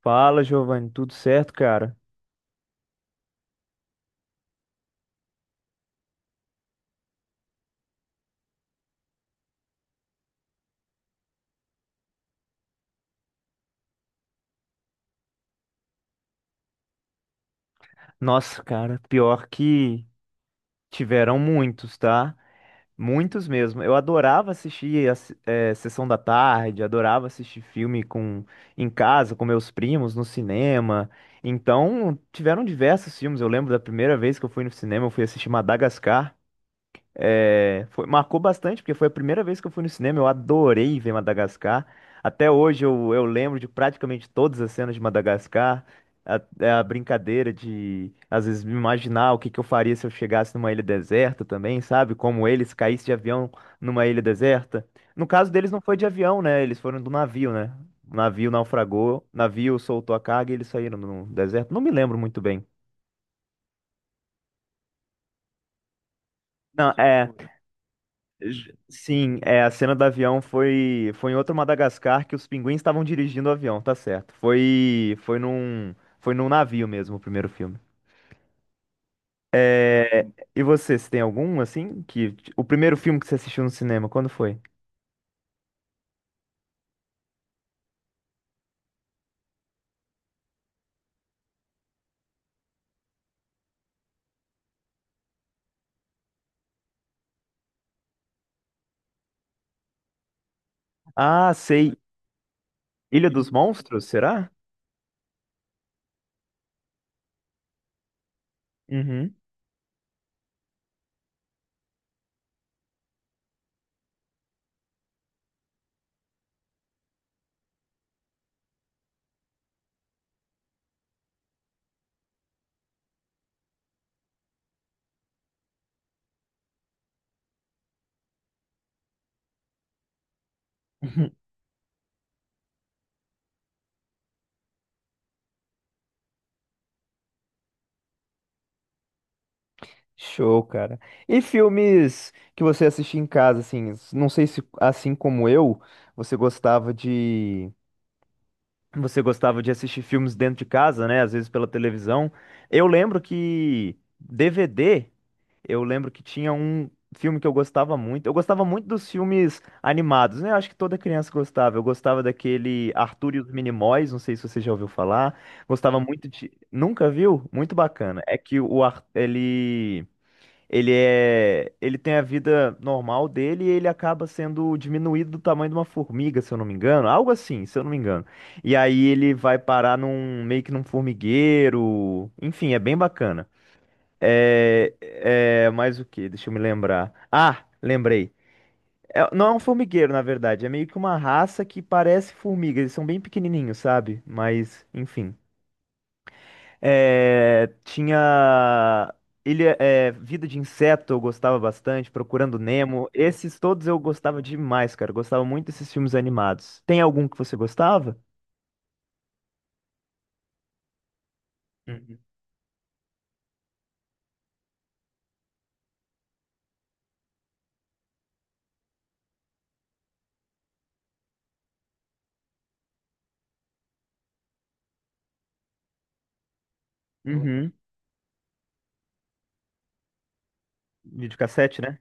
Fala, Giovanni, tudo certo, cara? Nossa, cara, pior que tiveram muitos, tá? Muitos mesmo. Eu adorava assistir a sessão da tarde, adorava assistir filme com em casa, com meus primos, no cinema. Então, tiveram diversos filmes. Eu lembro da primeira vez que eu fui no cinema, eu fui assistir Madagascar. É, marcou bastante, porque foi a primeira vez que eu fui no cinema. Eu adorei ver Madagascar. Até hoje eu lembro de praticamente todas as cenas de Madagascar. A, é a brincadeira de, às vezes, me imaginar o que eu faria se eu chegasse numa ilha deserta também, sabe? Como eles caíssem de avião numa ilha deserta. No caso deles, não foi de avião, né? Eles foram do navio, né? O navio naufragou, o navio soltou a carga e eles saíram no deserto. Não me lembro muito bem. Não, é. Sim, é, a cena do avião foi em outro Madagascar que os pinguins estavam dirigindo o avião, tá certo. Foi num navio mesmo, o primeiro filme. É, e você, se tem algum, assim, que... O primeiro filme que você assistiu no cinema, quando foi? Ah, sei. Ilha dos Monstros, será? Uhum. Show, cara. E filmes que você assistia em casa, assim, não sei se, assim como eu, você gostava de... Você gostava de assistir filmes dentro de casa, né? Às vezes pela televisão. Eu lembro que DVD, eu lembro que tinha um filme que eu gostava muito. Eu gostava muito dos filmes animados, né? Eu acho que toda criança gostava. Eu gostava daquele Arthur e os Minimóis, não sei se você já ouviu falar. Gostava muito de. Nunca viu? Muito bacana. É que o Ar... ele é, ele tem a vida normal dele e ele acaba sendo diminuído do tamanho de uma formiga, se eu não me engano, algo assim, se eu não me engano. E aí ele vai parar num meio que num formigueiro, enfim, é bem bacana. É, é mais o que? Deixa eu me lembrar. Ah, lembrei. Não é um formigueiro, na verdade, é meio que uma raça que parece formiga. Eles são bem pequenininhos, sabe? Mas, enfim. É, tinha Ilha, é, Vida de Inseto, eu gostava bastante, Procurando Nemo. Esses todos eu gostava demais, cara. Gostava muito desses filmes animados. Tem algum que você gostava? Uhum. Uhum. Videocassete, né?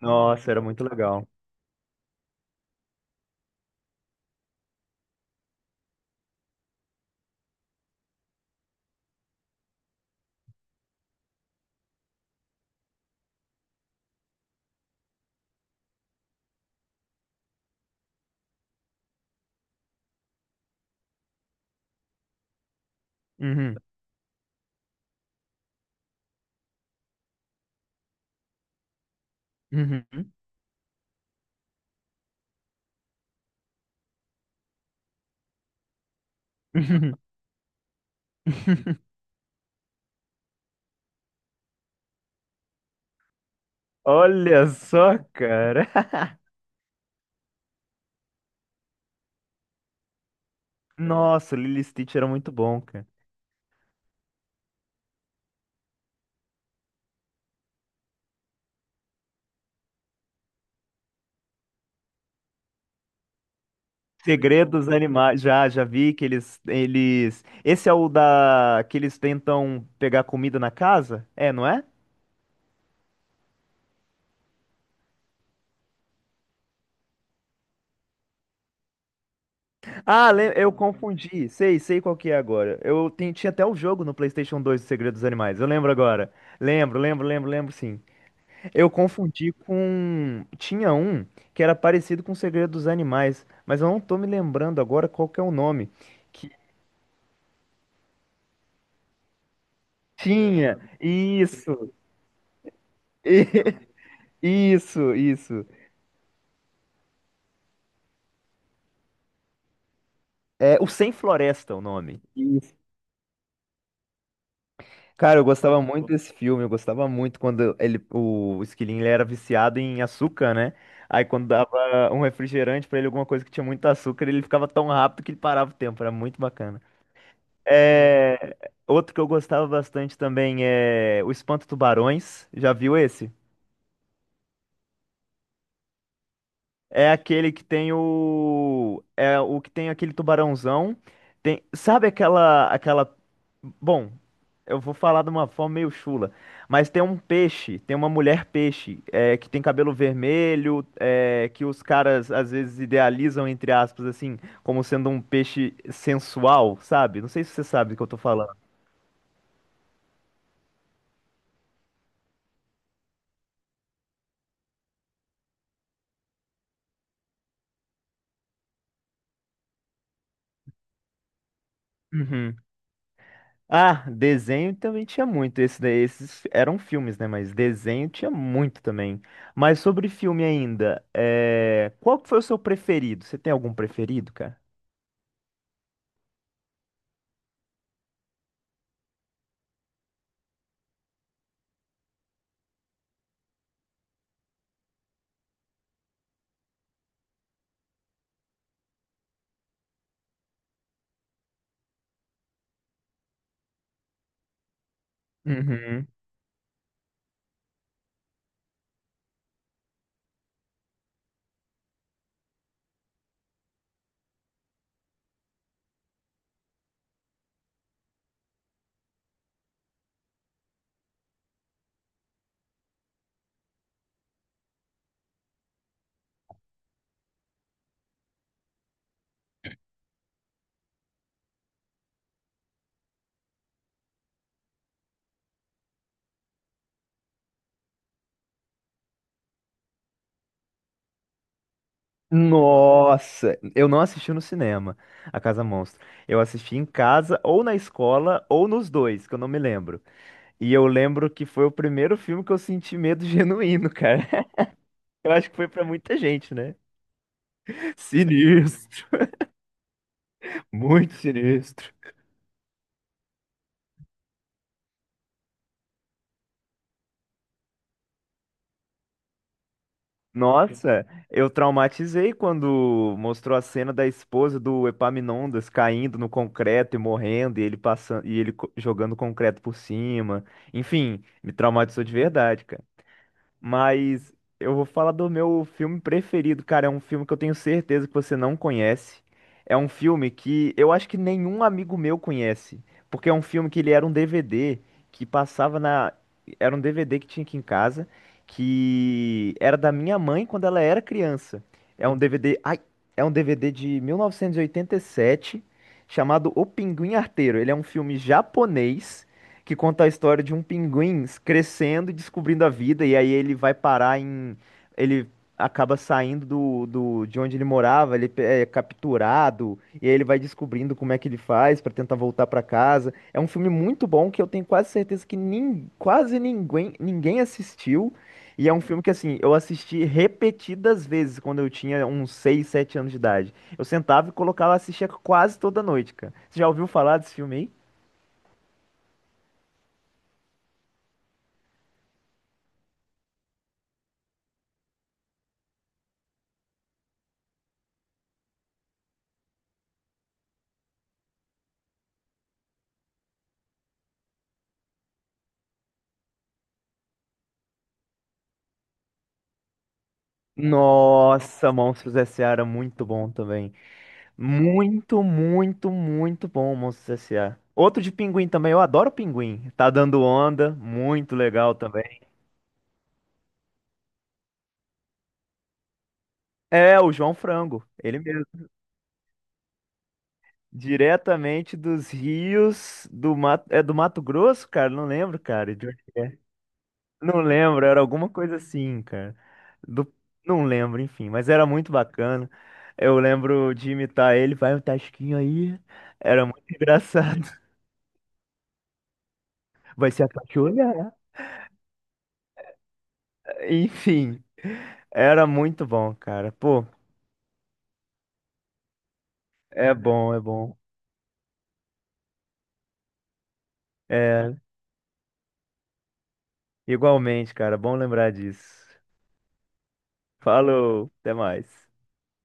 Nossa, era muito legal. Uhum. Uhum. Uhum. Olha só, cara. Nossa, Lilo e Stitch era muito bom, cara. Segredos animais. Já vi que eles, eles. Esse é o da. Que eles tentam pegar comida na casa? É, não é? Ah, lem- eu confundi. Sei, sei qual que é agora. Eu tinha até o jogo no PlayStation 2 de Segredos dos Animais. Eu lembro agora. Lembro, lembro, lembro, lembro, sim. Eu confundi com. Tinha um que era parecido com Segredos dos Animais, mas eu não tô me lembrando agora qual que é o nome. Que tinha. Isso. Isso, isso. É O Sem Floresta, é o nome. Isso. Cara, eu gostava muito desse filme, eu gostava muito quando ele, o esquilinho ele era viciado em açúcar, né? Aí quando dava um refrigerante pra ele, alguma coisa que tinha muito açúcar, ele ficava tão rápido que ele parava o tempo, era muito bacana. É, outro que eu gostava bastante também é O Espanto Tubarões, já viu esse? É aquele que tem o. É o que tem aquele tubarãozão. Tem... Sabe aquela, aquela. Bom, eu vou falar de uma forma meio chula. Mas tem um peixe, tem uma mulher peixe, é, que tem cabelo vermelho, é, que os caras às vezes idealizam, entre aspas, assim, como sendo um peixe sensual, sabe? Não sei se você sabe do que eu tô falando. Uhum. Ah, desenho também tinha muito. Esse daí, esses eram filmes, né? Mas desenho tinha muito também. Mas sobre filme ainda, é... qual que foi o seu preferido? Você tem algum preferido, cara? Uhum. Nossa, eu não assisti no cinema, A Casa Monstro. Eu assisti em casa, ou na escola, ou nos dois, que eu não me lembro. E eu lembro que foi o primeiro filme que eu senti medo genuíno, cara. Eu acho que foi pra muita gente, né? Sinistro, muito sinistro. Nossa, eu traumatizei quando mostrou a cena da esposa do Epaminondas caindo no concreto e morrendo, e ele passando e ele jogando concreto por cima. Enfim, me traumatizou de verdade, mas eu vou falar do meu filme preferido, cara. É um filme que eu tenho certeza que você não conhece. É um filme que eu acho que nenhum amigo meu conhece. Porque é um filme que ele era um DVD que passava na. Era um DVD que tinha aqui em casa, que era da minha mãe quando ela era criança. É um DVD. Ai, é um DVD de 1987, chamado O Pinguim Arteiro. Ele é um filme japonês que conta a história de um pinguim crescendo e descobrindo a vida, e aí ele vai parar em. Ele acaba saindo do, do, de onde ele morava, ele é capturado, e aí ele vai descobrindo como é que ele faz pra tentar voltar pra casa. É um filme muito bom que eu tenho quase certeza que quase ninguém, ninguém assistiu. E é um filme que, assim, eu assisti repetidas vezes quando eu tinha uns 6, 7 anos de idade. Eu sentava e colocava, assistia quase toda noite, cara. Você já ouviu falar desse filme aí? Nossa, Monstros S.A. era muito bom também. Muito, muito, muito bom, Monstros S.A. Outro de Pinguim também, eu adoro Pinguim. Tá dando onda, muito legal também. É, o João Frango, ele mesmo. Diretamente dos rios do Mato, é do Mato Grosso, cara? Não lembro, cara, de onde- Não lembro, era alguma coisa assim, cara. Do... Não lembro, enfim, mas era muito bacana. Eu lembro de imitar ele, vai o Tasquinho aí. Era muito engraçado. Vai se apaixonar. Enfim, era muito bom, cara. Pô, é bom, é bom. É, igualmente, cara, bom lembrar disso. Falou, até mais.